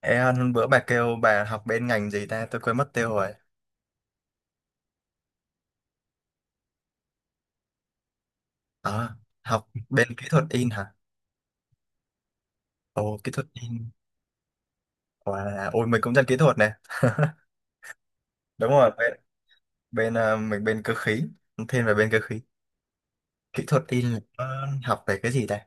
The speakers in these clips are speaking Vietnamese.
Ê Hân, bữa bà kêu bà học bên ngành gì ta? Tôi quên mất tiêu rồi. Ờ, học bên kỹ thuật in hả? Ồ, kỹ thuật in. Wow. Ôi, mình cũng dân kỹ thuật nè. Đúng rồi, bên, bên ờ, mình bên cơ khí. Thiên về bên cơ khí. Kỹ thuật in là có học về cái gì ta?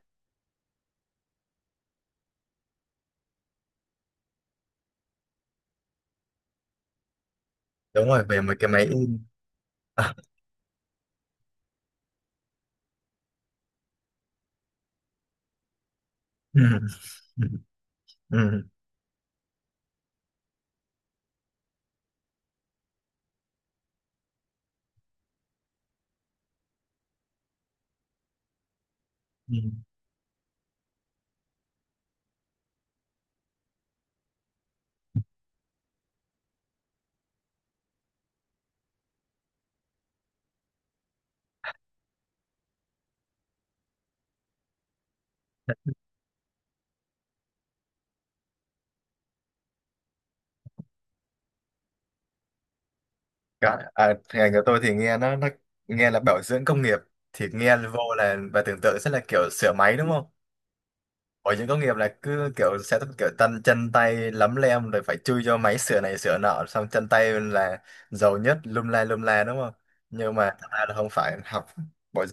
Đúng rồi, về mấy cái máy in. ừ, ừ, ừ. ừ. À, ngành của tôi thì nghe nó nghe là bảo dưỡng công nghiệp. Thì nghe vô là bà tưởng tượng sẽ là kiểu sửa máy đúng không? Bảo hiểm công nghiệp là cứ kiểu sẽ kiểu tân chân tay lấm lem rồi phải chui cho máy sửa này sửa nọ xong chân tay là giàu nhất lum la đúng không, nhưng mà thật ra là không phải học bảo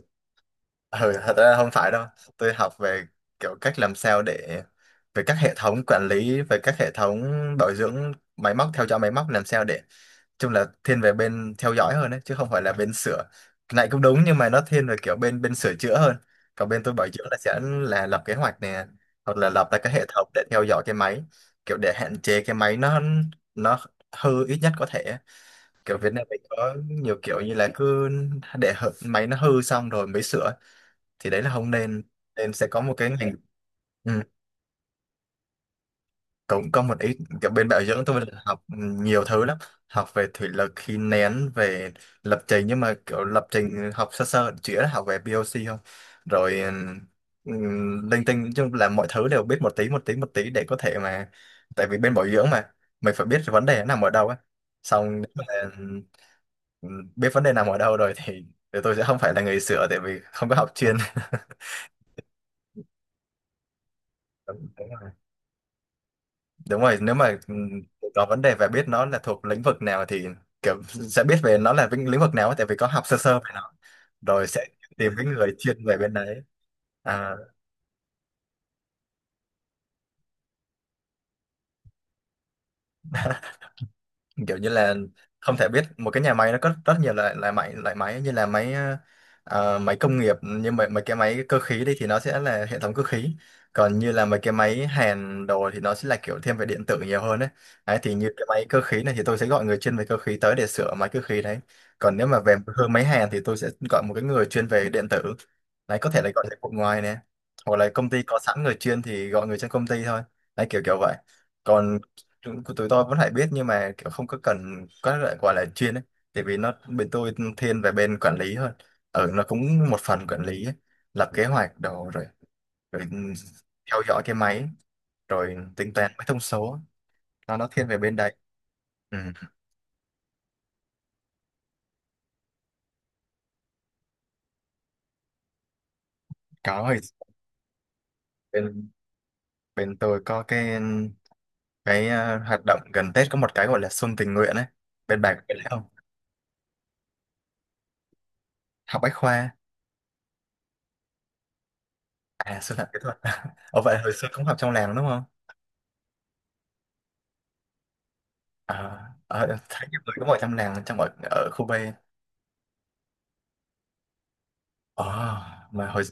ừ thật ra không phải đâu. Tôi học về kiểu cách làm sao để về các hệ thống quản lý, về các hệ thống bảo dưỡng máy móc, theo dõi máy móc làm sao để, chung là thiên về bên theo dõi hơn đấy, chứ không phải là bên sửa. Cái này cũng đúng nhưng mà nó thiên về kiểu bên bên sửa chữa hơn, còn bên tôi bảo dưỡng là sẽ là lập kế hoạch nè, hoặc là lập ra cái hệ thống để theo dõi cái máy, kiểu để hạn chế cái máy nó hư ít nhất có thể. Kiểu Việt Nam mình có nhiều kiểu như là cứ máy nó hư xong rồi mới sửa, thì đấy là không nên, nên sẽ có một cái ngành. Ừ, cũng có một ít kiểu bên bảo dưỡng tôi là học, ừ, nhiều thứ lắm, học về thủy lực khí nén, về lập trình, nhưng mà kiểu lập trình học sơ sơ chỉ là học về POC không, rồi linh tinh, nói chung là mọi thứ đều biết một tí một tí một tí để có thể mà, tại vì bên bảo dưỡng mà mình phải biết vấn đề nó nằm ở đâu á, xong nếu mà, ừ, biết vấn đề nằm ở đâu rồi thì tôi sẽ không phải là người sửa tại vì không có học chuyên. Đúng rồi. Đúng rồi nếu mà, có vấn đề về biết nó là thuộc lĩnh vực nào thì kiểu sẽ biết về nó là lĩnh vực nào ấy, tại vì có học sơ sơ về nó rồi sẽ tìm cái người chuyên về bên đấy. À, kiểu như là, không thể biết một cái nhà máy nó có rất nhiều loại loại máy loại máy, như là máy, máy công nghiệp như mấy cái máy cơ khí đi thì nó sẽ là hệ thống cơ khí, còn như là mấy cái máy hàn đồ thì nó sẽ là kiểu thiên về điện tử nhiều hơn đấy. Đấy thì như cái máy cơ khí này thì tôi sẽ gọi người chuyên về cơ khí tới để sửa máy cơ khí đấy, còn nếu mà về hơn máy hàn thì tôi sẽ gọi một cái người chuyên về điện tử. Đấy có thể là gọi dịch vụ ngoài nè, hoặc là công ty có sẵn người chuyên thì gọi người trong công ty thôi. Đấy kiểu kiểu vậy. Còn của tụi tôi vẫn phải biết nhưng mà kiểu không có cần có loại gọi là chuyên ấy, tại vì nó bên tôi thiên về bên quản lý hơn, ở nó cũng một phần quản lý ấy. Lập kế hoạch đồ rồi, rồi, ừ, theo dõi cái máy, rồi tính toán mấy thông số, nó thiên về bên đấy. Ừ. Có hồi, bên bên tôi có cái, hoạt động gần Tết có một cái gọi là xuân tình nguyện ấy, bên bạn biết không. Học bách khoa. À, sư phạm kỹ thuật. Ồ vậy hồi xưa cũng học trong làng đúng không. À, ở thấy nhiều người có mọi trăm nàng trong ở khu B. Ờ, mà hồi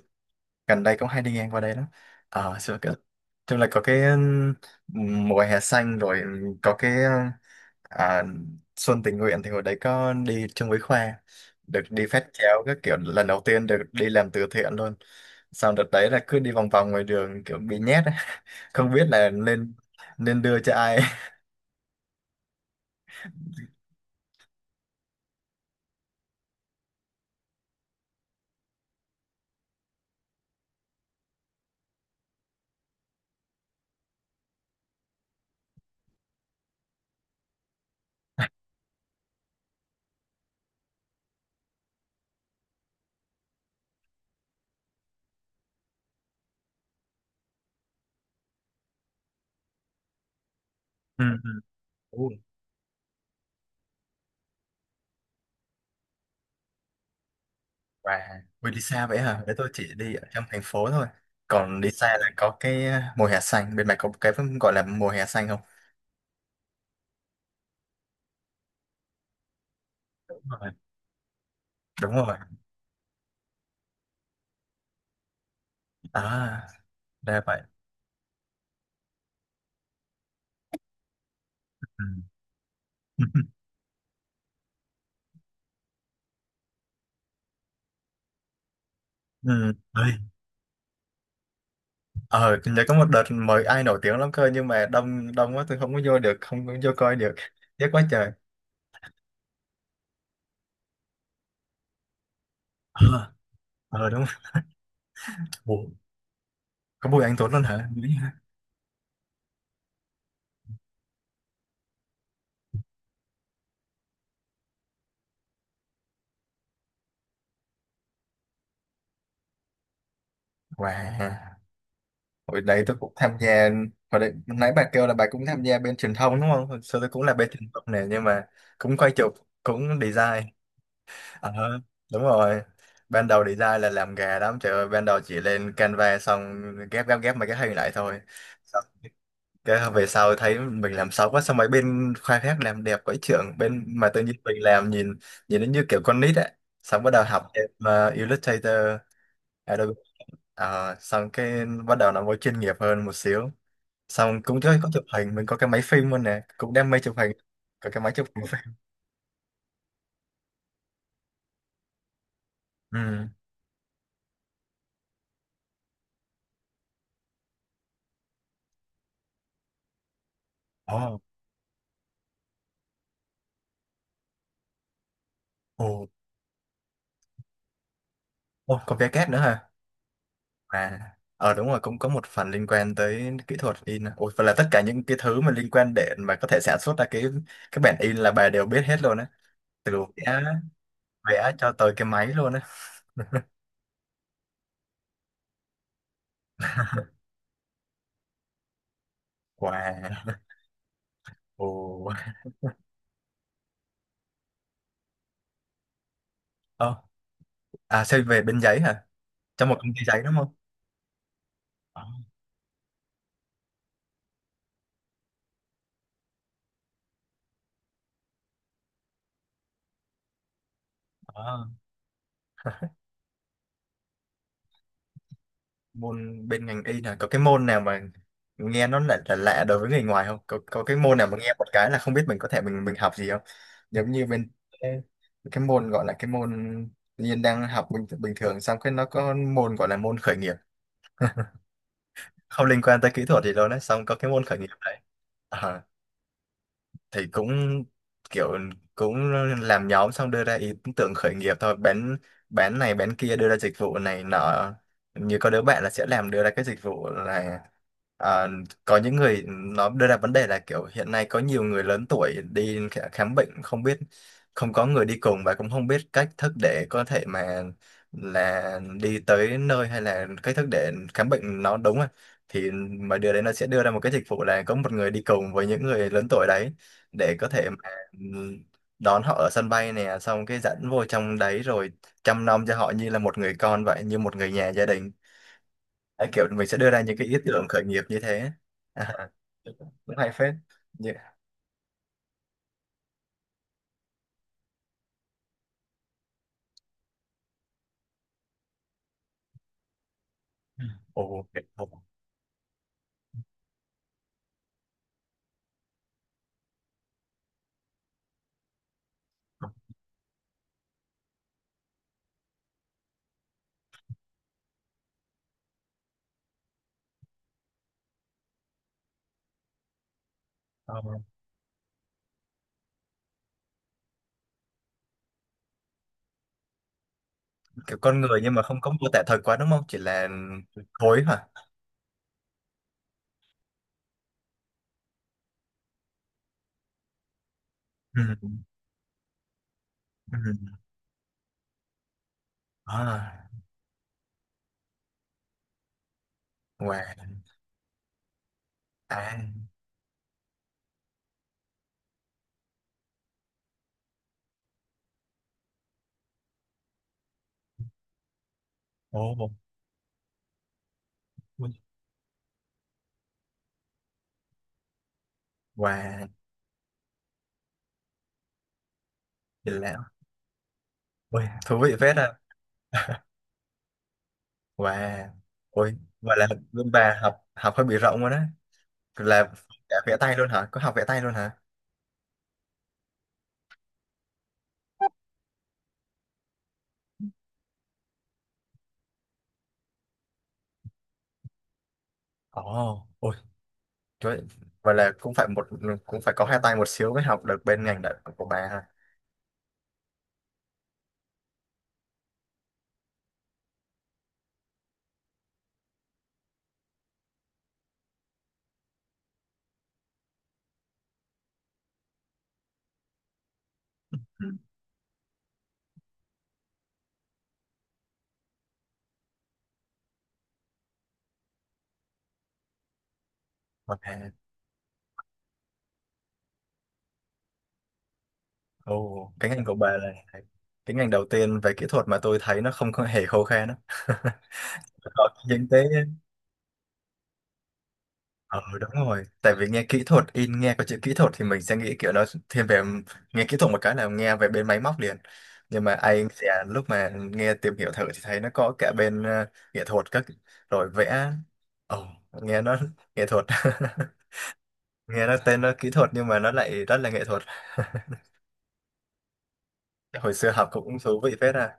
gần đây cũng hay đi ngang qua đây lắm. À, xưa cái chung là có cái, mùa hè xanh rồi, có cái, à, xuân tình nguyện thì hồi đấy có đi chung với Khoa, được đi phát chéo các kiểu, lần đầu tiên được đi làm từ thiện luôn. Sau đợt đấy là cứ đi vòng vòng ngoài đường kiểu bị nhét ấy. Không biết là nên nên đưa cho ai. Ừ, ừ. Và vì đi xa vậy hả? Để tôi chỉ đi ở trong thành phố thôi. Còn đi xa là có cái, mùa hè xanh. Bên mày có cái gọi là mùa hè xanh không? Đúng rồi. Đúng rồi. À, ra vậy. Ừ. Ừ. Ê, Ờ, nhớ có một đợt mời ai nổi tiếng lắm cơ nhưng mà đông đông quá tôi không có vô được, không có vô coi được. Tiếc quá trời. Ờ, ờ đúng rồi. Ủa, có Bùi Anh Tuấn luôn hả? Đúng hả? Wow. Hồi đấy tôi cũng tham gia, hồi đấy nãy bà kêu là bà cũng tham gia bên truyền thông đúng không? Hồi xưa tôi cũng là bên truyền thông này nhưng mà cũng quay chụp, cũng design. Ờ, đúng rồi. Ban đầu design là làm gà lắm, trời ơi, ban đầu chỉ lên Canva xong ghép ghép ghép mấy cái hình lại thôi. Xong cái về sau thấy mình làm xấu quá, xong mấy bên khoa khác làm đẹp quá trưởng, bên mà tự nhiên mình làm nhìn nhìn nó như kiểu con nít ấy. Xong bắt đầu học thêm Illustrator, Adobe. Ờ, xong cái bắt đầu nó mới chuyên nghiệp hơn một xíu, xong cũng có chụp hình, mình có cái máy phim luôn nè, cũng đam mê chụp hình, có cái máy chụp hình phim. Ừ. Ồ. Ồ. Ồ, có vé két nữa hả. À, ờ đúng rồi, cũng có một phần liên quan tới kỹ thuật in, ôi và là tất cả những cái thứ mà liên quan để mà có thể sản xuất ra cái bản in là bà đều biết hết luôn á, từ vẽ, vẽ cho tới cái máy luôn á. Wow. Ồ. Ờ. À, xây về bên giấy hả, trong một công ty giấy đúng không. Ờ. Ờ. Môn bên ngành y là có cái môn nào mà nghe nó lại là lạ đối với người ngoài không, có có cái môn nào mà nghe một cái là không biết mình có thể mình học gì không. Giống như bên cái cái môn gọi là cái môn Nhiên đang học bình bình thường xong cái nó có môn gọi là môn khởi nghiệp, không liên quan tới kỹ thuật gì đâu đấy, xong có cái môn khởi nghiệp đấy. Ờ. Thì cũng kiểu cũng làm nhóm xong đưa ra ý tưởng khởi nghiệp thôi, bán này bán kia, đưa ra dịch vụ này nọ. Như có đứa bạn là sẽ làm đưa ra cái dịch vụ là, ờ, có những người nó đưa ra vấn đề là kiểu hiện nay có nhiều người lớn tuổi đi khám bệnh không biết, không có người đi cùng và cũng không biết cách thức để có thể mà là đi tới nơi, hay là cách thức để khám bệnh nó đúng rồi. Thì mà đưa đấy, nó sẽ đưa ra một cái dịch vụ là có một người đi cùng với những người lớn tuổi đấy để có thể mà đón họ ở sân bay nè, xong cái dẫn vô trong đấy rồi chăm nom cho họ như là một người con vậy, như một người nhà gia đình. Đấy, kiểu mình sẽ đưa ra những cái ý tưởng khởi nghiệp như thế. À, cũng hay phết. Như, ồ kiểu, ồ, ờ, kiểu con người nhưng mà không có mô tả thật quá đúng không, chỉ là thối hả. Ừ. Ừ. À. Wow. À. Ồ. Ui. Wow. Chỉ là, ôi, thú vị phết à. Wow, ôi, vậy là bên bà học học hơi bị rộng rồi đó, là cả vẽ tay luôn hả? Có học vẽ tay luôn hả? Ồ, ôi, trời, ơi, vậy là cũng phải một, cũng phải có hai tay một xíu mới học được bên ngành của bà ha. Ừ. Wow. Ồ, cái ngành của bà là cái ngành đầu tiên về kỹ thuật mà tôi thấy nó không có hề khô khan đó. Có những cái. Ờ đúng rồi, tại vì nghe kỹ thuật in nghe có chữ kỹ thuật thì mình sẽ nghĩ kiểu nó thiên về, nghe kỹ thuật một cái là nghe về bên máy móc liền. Nhưng mà anh sẽ lúc mà nghe tìm hiểu thử thì thấy nó có cả bên, nghệ thuật các, rồi vẽ. Ồ, nghe nó nghệ thuật. Nghe nó tên nó kỹ thuật nhưng mà nó lại rất là nghệ thuật. Hồi xưa học cũng thú vị phết à.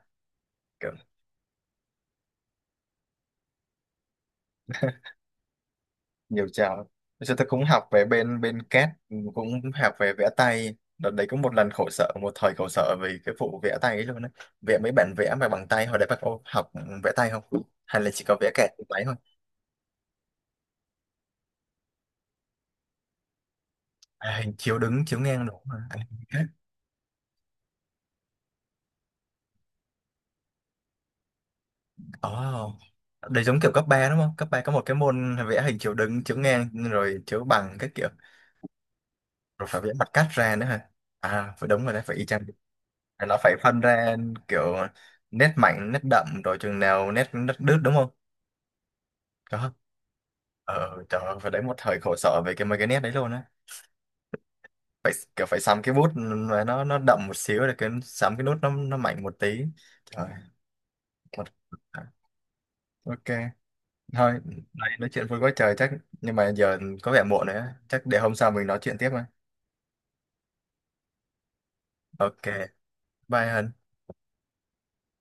Nhiều chảo, bây giờ tôi cũng học về bên bên CAD, cũng học về vẽ tay đợt đấy, cũng một lần khổ sở, một thời khổ sở vì cái vụ vẽ tay ấy luôn á, vẽ mấy bản vẽ mà bằng tay. Hồi đấy bà có học vẽ tay không, hay là chỉ có vẽ kẹt tay thôi. À, hình chiếu đứng chiếu ngang đúng mà, à, hình khác. Ồ, đấy giống kiểu cấp 3 đúng không, cấp 3 có một cái môn vẽ hình chiếu đứng chiếu ngang rồi chiếu bằng các kiểu, rồi phải vẽ mặt cắt ra nữa hả. À phải, đúng rồi đấy, phải y chang. Nó phải phân ra kiểu nét mạnh nét đậm rồi chừng nào nét nét đứt đúng không. Có. Ờ trời ơi, phải đấy, một thời khổ sở về cái mấy cái nét đấy luôn á, phải kiểu phải sắm cái bút mà nó đậm một xíu, để cái sắm cái nút nó mạnh một tí. Trời. Một. À, ok thôi. Đấy, nói chuyện vui quá trời chắc, nhưng mà giờ có vẻ muộn rồi á, chắc để hôm sau mình nói chuyện tiếp mà. Ok, bye Hân.